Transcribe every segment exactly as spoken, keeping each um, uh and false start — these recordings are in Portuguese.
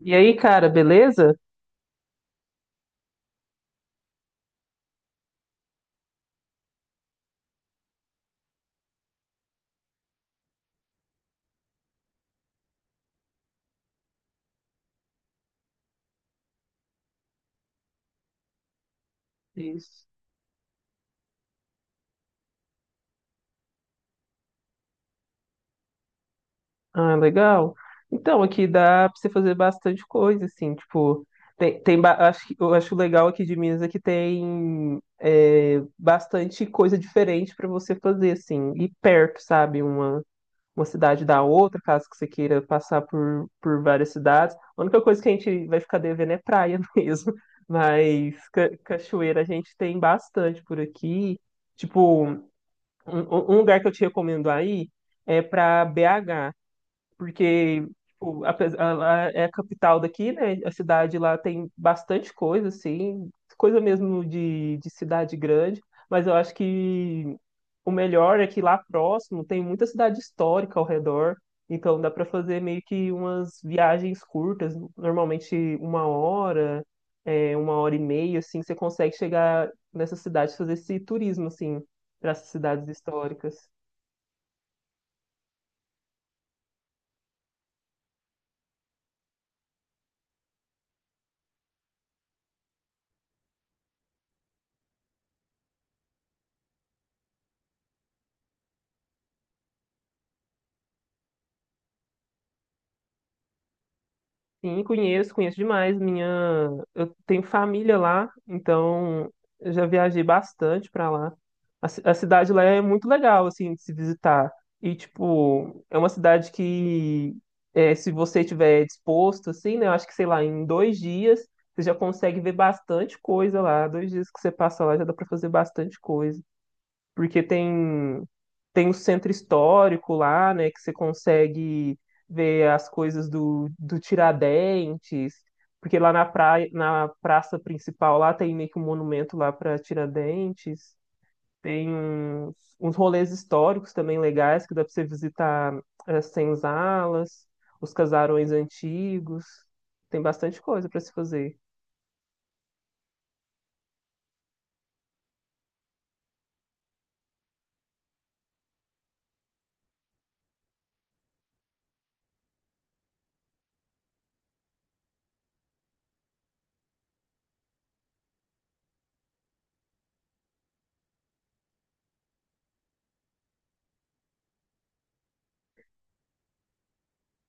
E aí, cara, beleza? Isso. Ah, legal. Então, aqui dá pra você fazer bastante coisa, assim, tipo, tem, tem ba- acho, que- eu acho legal aqui de Minas é que tem é, bastante coisa diferente pra você fazer, assim, e perto, sabe? Uma, uma cidade da outra, caso que você queira passar por, por várias cidades. A única coisa que a gente vai ficar devendo é praia mesmo, mas ca- cachoeira a gente tem bastante por aqui. Tipo, Um, um um lugar que eu te recomendo aí é para B agá porque tipo, apes- ela é a capital daqui, né? A cidade lá tem bastante coisa, assim, coisa mesmo de, de cidade grande, mas eu acho que o melhor é que lá próximo tem muita cidade histórica ao redor, então dá para fazer meio que umas viagens curtas, normalmente uma hora, é, uma hora e meia, assim, você consegue chegar nessa cidade, fazer esse turismo, assim, para essas cidades históricas. Sim, conheço, conheço demais. Minha, eu tenho família lá, então eu já viajei bastante pra lá. A, ci- a cidade lá é muito legal, assim, de se visitar. E, tipo, é uma cidade que, é, se você estiver disposto, assim, né, eu acho que, sei lá, em dois dias você já consegue ver bastante coisa lá. Dois dias que você passa lá já dá pra fazer bastante coisa. Porque tem tem o centro histórico lá, né, que você consegue ver as coisas do, do Tiradentes, porque lá na praia, na praça principal lá tem meio que um monumento lá para Tiradentes, tem uns, uns rolês históricos também legais que dá para você visitar as senzalas, os casarões antigos, tem bastante coisa para se fazer.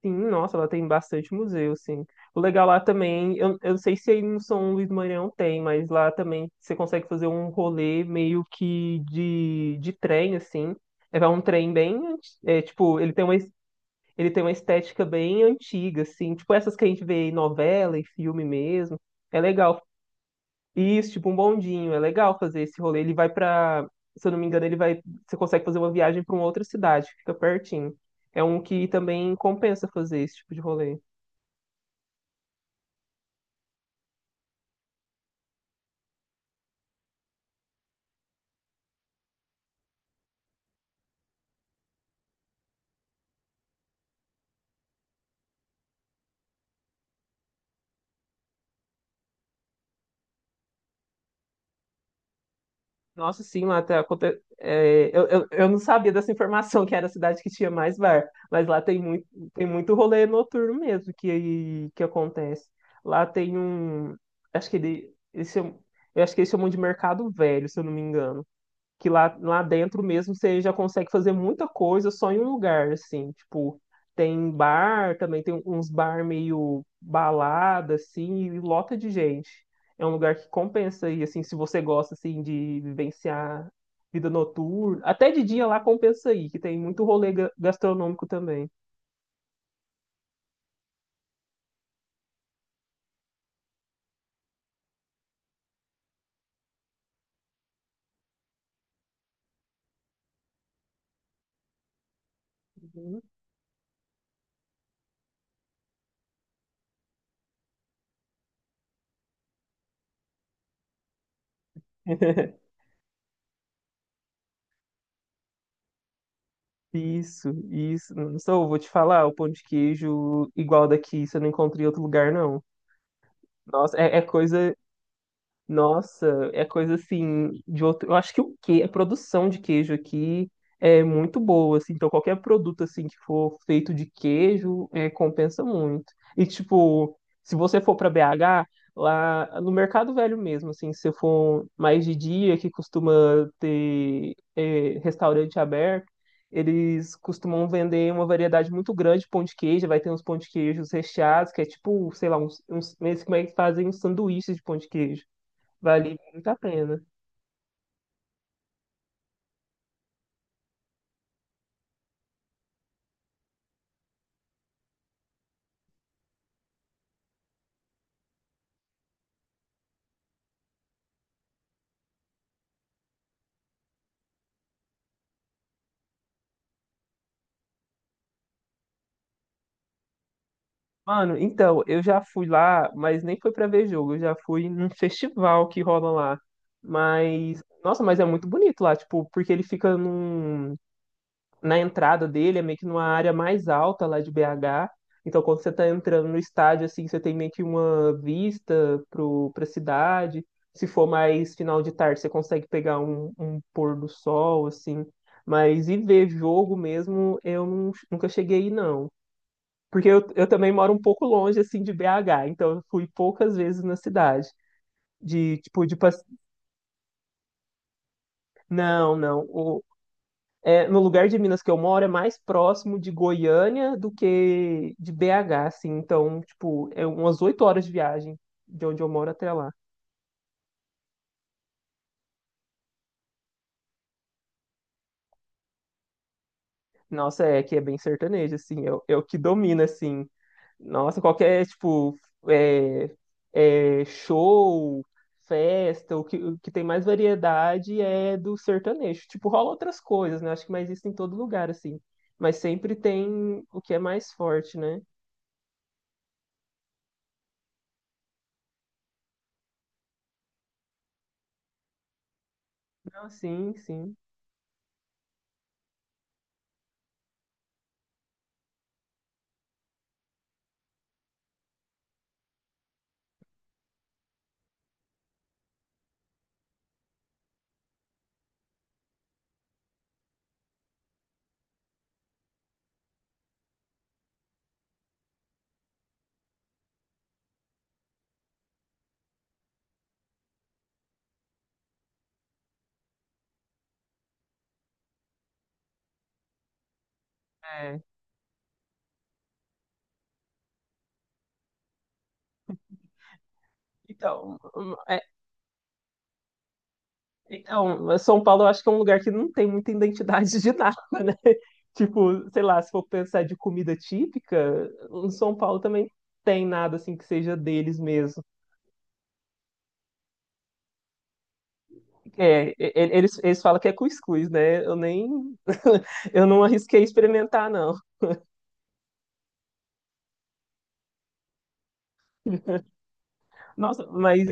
Sim, nossa, ela tem bastante museu, sim. O legal lá também, eu, eu não sei se aí no São Luís do Maranhão tem, mas lá também você consegue fazer um rolê meio que de, de trem, assim. É é um trem bem, anti- é, tipo, ele tem uma, es- ele tem uma estética bem antiga, assim. Tipo essas que a gente vê em novela e filme mesmo. É legal. Isso, tipo um bondinho, é legal fazer esse rolê. Ele vai pra, se eu não me engano, ele vai, você consegue fazer uma viagem pra uma outra cidade, fica pertinho. É um que também compensa fazer esse tipo de rolê. Nossa, sim, lá tá, aconte- é, eu, eu, eu não sabia dessa informação que era a cidade que tinha mais bar, mas lá tem muito, tem muito rolê noturno mesmo que, que acontece. Lá tem um, acho que ele, eles chamam- eu acho que eles chamam de Mercado Velho, se eu não me engano que lá, lá dentro mesmo você já consegue fazer muita coisa só em um lugar, assim, tipo, tem bar, também tem uns bar meio balada, assim, e lota de gente. É um lugar que compensa aí assim, se você gosta, assim, de vivenciar vida noturna, até de dia lá compensa aí, que tem muito rolê ga- gastronômico também. Uhum. Isso, isso. Não sou, eu vou te falar, o pão de queijo igual daqui, você não encontra em outro lugar, não. Nossa, é, é coisa Nossa, é coisa assim de outro. Eu acho que o que a produção de queijo aqui é muito boa, assim. Então qualquer produto assim que for feito de queijo é, compensa muito. E tipo, se você for para B agá lá no Mercado Velho mesmo, assim, se você for mais de dia que costuma ter é, restaurante aberto, eles costumam vender uma variedade muito grande de pão de queijo. Vai ter uns pão de queijos recheados que é tipo, sei lá, uns, uns eles como é que fazem uns sanduíches de pão de queijo. Vale muito a pena. Mano, então, eu já fui lá, mas nem foi pra ver jogo, eu já fui num festival que rola lá. Mas, nossa, mas é muito bonito lá, tipo, porque ele fica num, na entrada dele, é meio que numa área mais alta lá de B agá. Então, quando você tá entrando no estádio, assim, você tem meio que uma vista pro, pra cidade. Se for mais final de tarde, você consegue pegar um, um pôr do sol, assim. Mas e ver jogo mesmo, eu nun- nunca cheguei aí, não. Porque eu, eu também moro um pouco longe, assim, de B agá, então eu fui poucas vezes na cidade. De, tipo, de... passe- Não, não. O, é, no lugar de Minas que eu moro é mais próximo de Goiânia do que de B agá, assim. Então, tipo, é umas oito horas de viagem de onde eu moro até lá. Nossa, é que é bem sertanejo, assim. É, o- é o que domina, assim. Nossa, qualquer, tipo, é, é, show, festa, o que, o que tem mais variedade é do sertanejo. Tipo, rola outras coisas, né? Acho que mais isso em todo lugar, assim. Mas sempre tem o que é mais forte, né? Não, sim, sim. É. Então, hum, é, então, mas São Paulo eu acho que é um lugar que não tem muita identidade de nada, né? Tipo, sei lá, se for pensar de comida típica, em São Paulo também tem nada assim que seja deles mesmo. É, e- eles, eles falam que é cuscuz, né? Eu nem. Eu não arrisquei experimentar, não. Nossa, mas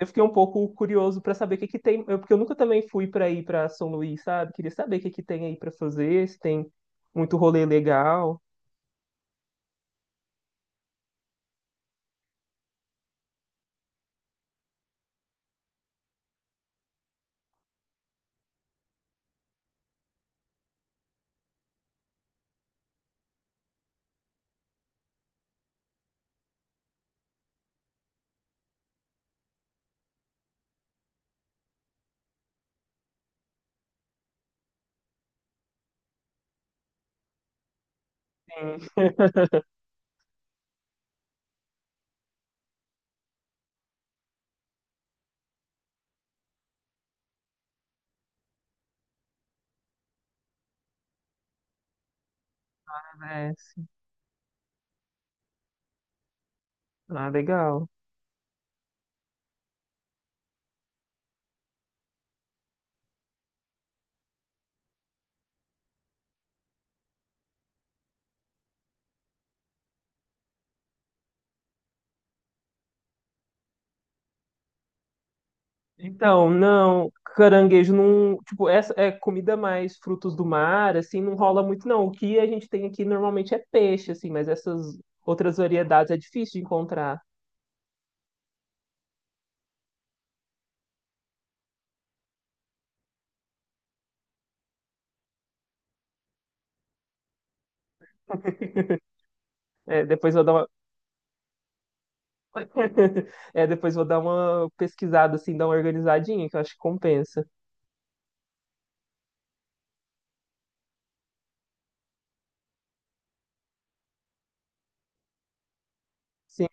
eu fiquei um pouco curioso para saber o que que tem. eu- Porque eu nunca também fui para ir para São Luís, sabe? Queria saber o que que tem aí para fazer, se tem muito rolê legal. Sim. Parece. Ah, legal. Então, não, caranguejo não, tipo, essa é comida mais frutos do mar, assim, não rola muito não. O que a gente tem aqui normalmente é peixe, assim, mas essas outras variedades é difícil de encontrar. É, depois vou dar uma... É, depois vou dar uma pesquisada, assim, dar uma organizadinha, que eu acho que compensa. Sim,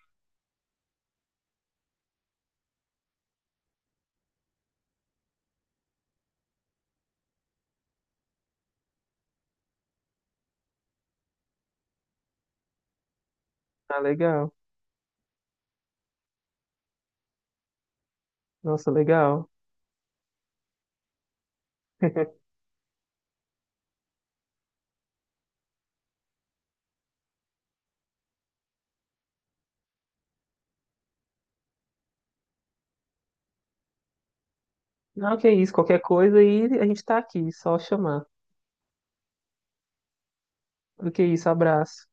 tá legal. Nossa, legal. Não, que é isso, qualquer coisa aí a gente tá aqui, só chamar. Do que isso, abraço.